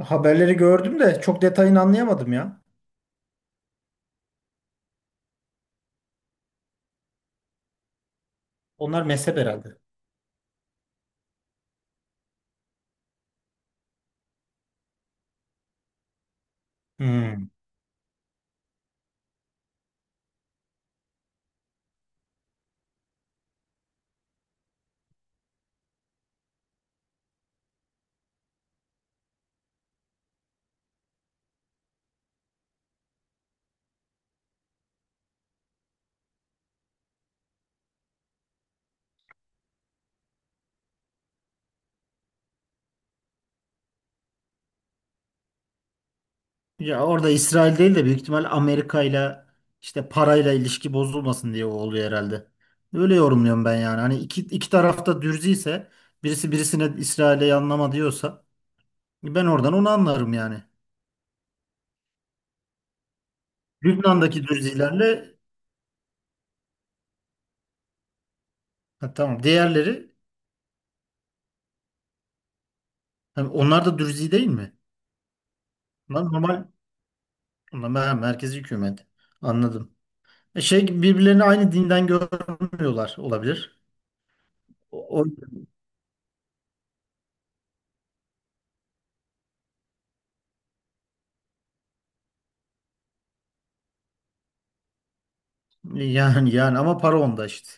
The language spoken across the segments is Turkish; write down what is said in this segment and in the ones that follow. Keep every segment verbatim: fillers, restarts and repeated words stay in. Haberleri gördüm de çok detayını anlayamadım ya. Onlar mezhep herhalde. Hmm. Ya orada İsrail değil de büyük ihtimal Amerika ile işte parayla ilişki bozulmasın diye o oluyor herhalde. Öyle yorumluyorum ben yani. Hani iki, iki tarafta dürzi ise birisi birisine İsrail'e yanlama diyorsa ben oradan onu anlarım yani. Lübnan'daki dürzilerle. Ha, tamam, diğerleri. Hani onlar da dürzi değil mi? Lan, normal, onlar mer- merkezi hükümet. Anladım. E şey gibi birbirlerini aynı dinden görmüyorlar olabilir. O, yani yani ama para onda işte.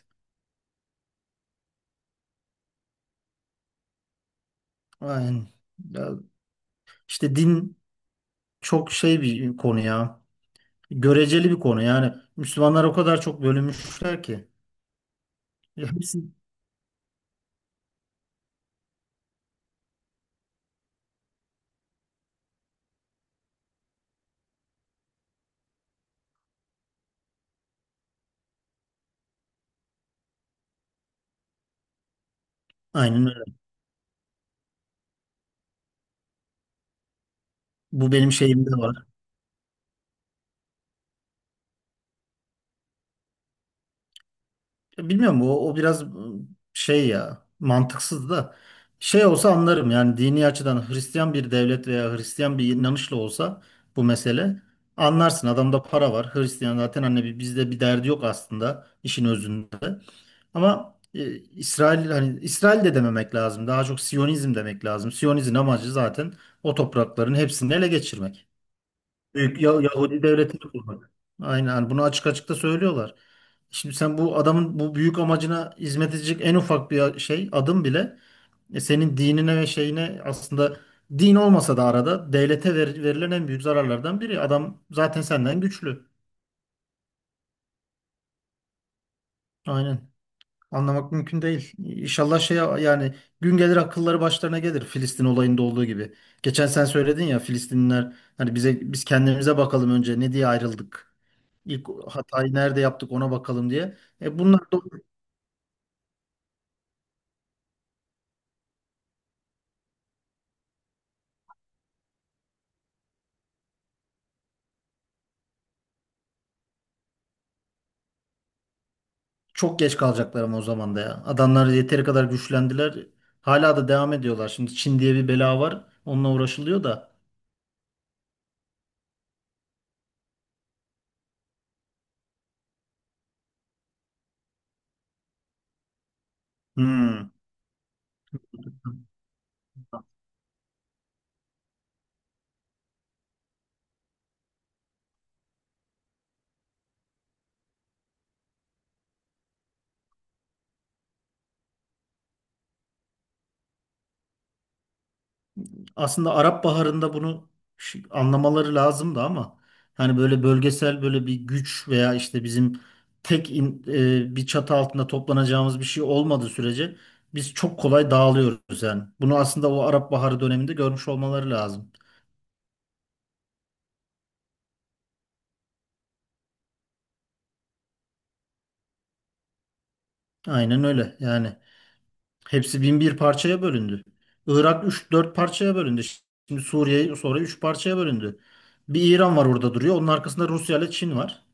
Aynen. Ya, işte din çok şey bir konu ya. Göreceli bir konu yani. Müslümanlar o kadar çok bölünmüşler ki. Ya, hepsi aynen öyle. Bu benim şeyimde var. Ya, Bilmiyorum, o, o biraz ıı, şey ya, mantıksız da. Şey olsa anlarım yani, dini açıdan Hristiyan bir devlet veya Hristiyan bir inanışla olsa bu mesele, anlarsın adamda para var. Hristiyan zaten, hani bir- bizde bir derdi yok aslında işin özünde. Ama e, İsrail, hani İsrail de dememek lazım. Daha çok Siyonizm demek lazım. Siyonizm amacı zaten o toprakların hepsini ele geçirmek. Büyük Ya- Yahudi devletini kurmak. Aynen, hani bunu açık açık da söylüyorlar. Şimdi sen bu adamın bu büyük amacına hizmet edecek en ufak bir şey, adım bile, e, senin dinine ve şeyine, aslında din olmasa da arada devlete ver- verilen en büyük zararlardan biri. Adam zaten senden güçlü. Aynen. Anlamak mümkün değil. İnşallah şey yani, gün gelir akılları başlarına gelir Filistin olayında olduğu gibi. Geçen sen söyledin ya, Filistinliler hani, bize, biz kendimize bakalım önce ne diye ayrıldık. İlk hatayı nerede yaptık ona bakalım diye. E bunlar da çok geç kalacaklar ama o zaman da ya. Adamlar yeteri kadar güçlendiler. Hala da devam ediyorlar. Şimdi Çin diye bir bela var. Onunla uğraşılıyor da. Hmm. Aslında Arap Baharı'nda bunu ş- anlamaları lazımdı ama hani böyle bölgesel, böyle bir güç veya işte bizim tek in- e, bir çatı altında toplanacağımız bir şey olmadığı sürece biz çok kolay dağılıyoruz yani. Bunu aslında o Arap Baharı döneminde görmüş olmaları lazım. Aynen öyle yani. Hepsi bin bir parçaya bölündü. Irak üç dört parçaya bölündü. Şimdi Suriye sonra üç parçaya bölündü. Bir İran var, orada duruyor. Onun arkasında Rusya ile Çin var.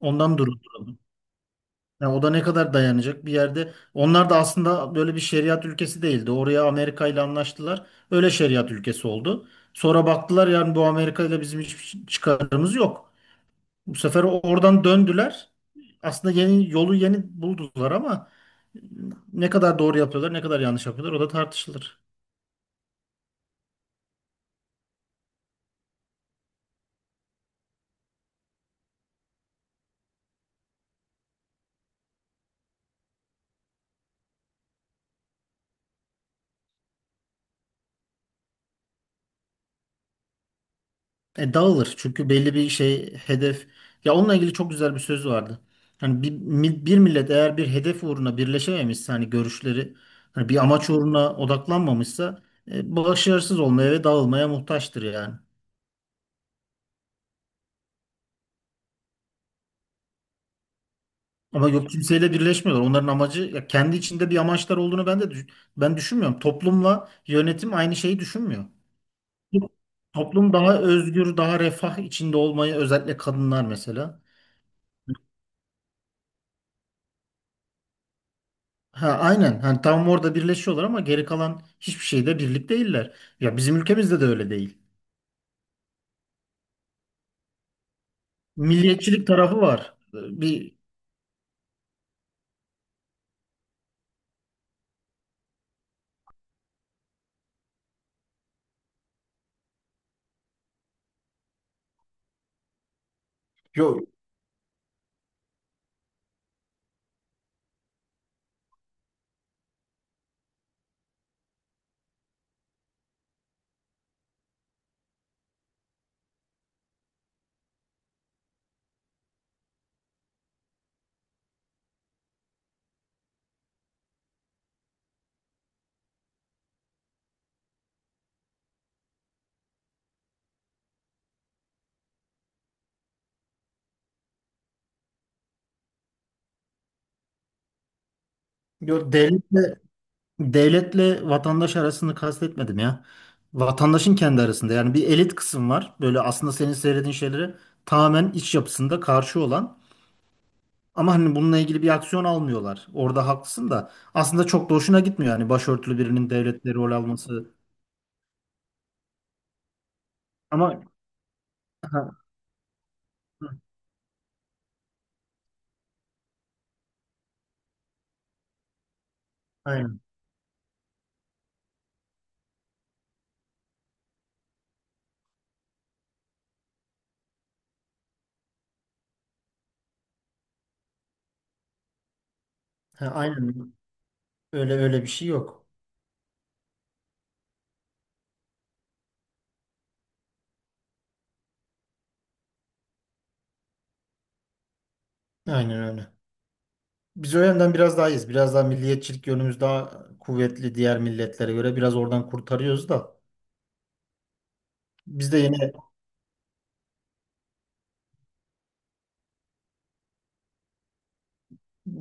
Ondan duruyor. Yani o da ne kadar dayanacak bir yerde. Onlar da aslında böyle bir şeriat ülkesi değildi. Oraya Amerika ile anlaştılar. Öyle şeriat ülkesi oldu. Sonra baktılar yani bu Amerika ile bizim hiçbir şey, çıkarımız yok. Bu sefer oradan döndüler. Aslında yeni yolu yeni buldular ama ne kadar doğru yapıyorlar, ne kadar yanlış yapıyorlar o da tartışılır. E, dağılır çünkü belli bir şey, hedef. Ya onunla ilgili çok güzel bir söz vardı. Hani bir, mi- bir millet eğer bir hedef uğruna birleşememişse, hani görüşleri, hani bir amaç uğruna odaklanmamışsa, e, başarısız olmaya ve dağılmaya muhtaçtır yani. Ama yok, kimseyle birleşmiyorlar. Onların amacı, ya kendi içinde bir amaçlar olduğunu ben de düş- ben düşünmüyorum. Toplumla yönetim aynı şeyi düşünmüyor. Toplum daha özgür, daha refah içinde olmayı, özellikle kadınlar mesela. Ha, aynen. Hani tam orada birleşiyorlar ama geri kalan hiçbir şeyde birlik değiller. Ya bizim ülkemizde de öyle değil. Milliyetçilik tarafı var. Bir Yok. devletle devletle vatandaş arasını kastetmedim ya. Vatandaşın kendi arasında yani bir elit kısım var. Böyle aslında senin söylediğin şeyleri tamamen iç yapısında karşı olan ama hani bununla ilgili bir aksiyon almıyorlar. Orada haklısın da aslında çok da hoşuna gitmiyor yani başörtülü birinin devletle rol alması. Ama ha, aynen. Ha, aynen. Öyle öyle bir şey yok. Aynen öyle. Biz o yönden biraz daha iyiyiz. Biraz daha milliyetçilik yönümüz daha kuvvetli diğer milletlere göre. Biraz oradan kurtarıyoruz da. Biz de yine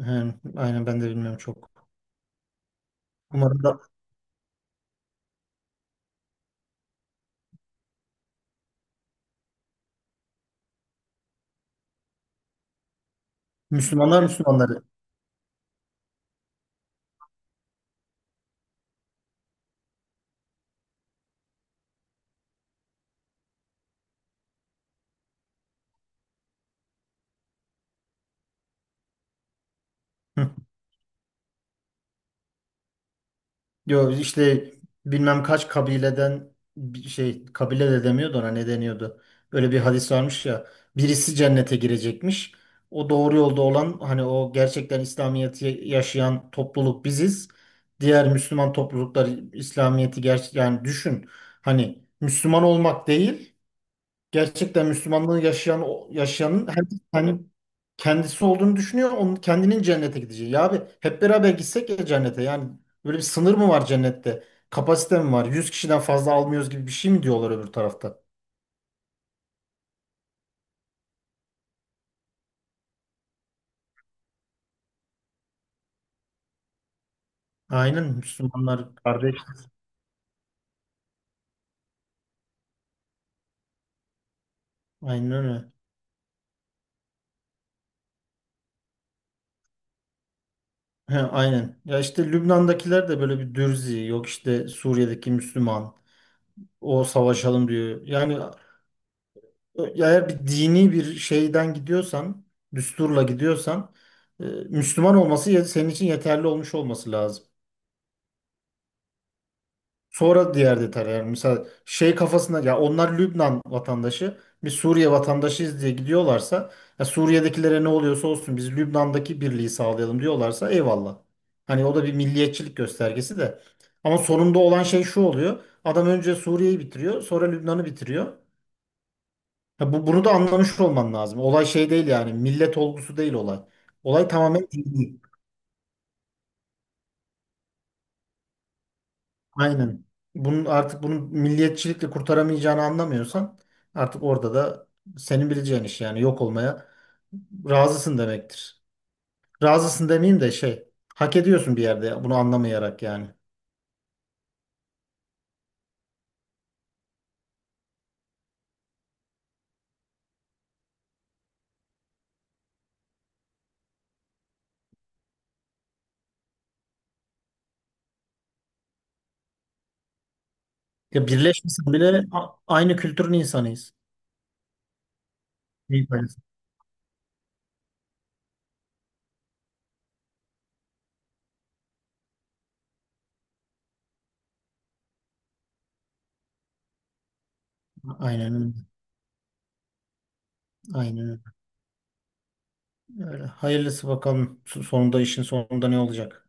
He, aynen, ben de bilmiyorum çok. Umarım da. Müslümanlar Müslümanları. Yo işte, bilmem kaç kabileden bir şey, kabile de demiyordu, ona ne deniyordu. Öyle bir hadis varmış ya. Birisi cennete girecekmiş. O doğru yolda olan, hani o gerçekten İslamiyet'i yaşayan topluluk biziz. Diğer Müslüman topluluklar İslamiyet'i gerçek, yani düşün. Hani Müslüman olmak değil, gerçekten Müslümanlığı yaşayan, yaşayanın, herkes kendi- kendisi olduğunu düşünüyor. Onun, kendinin cennete gideceği. Ya abi, hep beraber gitsek ya cennete. Yani böyle bir sınır mı var cennette? Kapasite mi var? Yüz kişiden fazla almıyoruz gibi bir şey mi diyorlar öbür tarafta? Aynen, Müslümanlar kardeş. Aynen öyle. He, aynen. Ya işte Lübnan'dakiler de böyle bir dürzi. Yok, işte Suriye'deki Müslüman. O savaşalım diyor. Yani. Ya, eğer bir dini bir şeyden gidiyorsan, düsturla gidiyorsan, e, Müslüman olması, ya- senin için yeterli olmuş olması lazım. Sonra diğer detay, yani mesela şey kafasında, ya onlar Lübnan vatandaşı, biz Suriye vatandaşıyız diye gidiyorlarsa, ya Suriye'dekilere ne oluyorsa olsun biz Lübnan'daki birliği sağlayalım diyorlarsa eyvallah. Hani o da bir milliyetçilik göstergesi de. Ama sonunda olan şey şu oluyor. Adam önce Suriye'yi bitiriyor, sonra Lübnan'ı bitiriyor. Ya, bu, bunu da anlamış olman lazım. Olay şey değil yani. Millet olgusu değil olay. Olay tamamen dini. Aynen. Bunun artık, bunu milliyetçilikle kurtaramayacağını anlamıyorsan, artık orada da senin bileceğin iş yani, yok olmaya razısın demektir. Razısın demeyeyim de şey, hak ediyorsun bir yerde bunu anlamayarak yani. Ya birleşmesen bile a- aynı kültürün insanıyız. İyi paylaşım. Aynen öyle. Aynen öyle. Öyle. Hayırlısı bakalım, sonunda, işin sonunda ne olacak.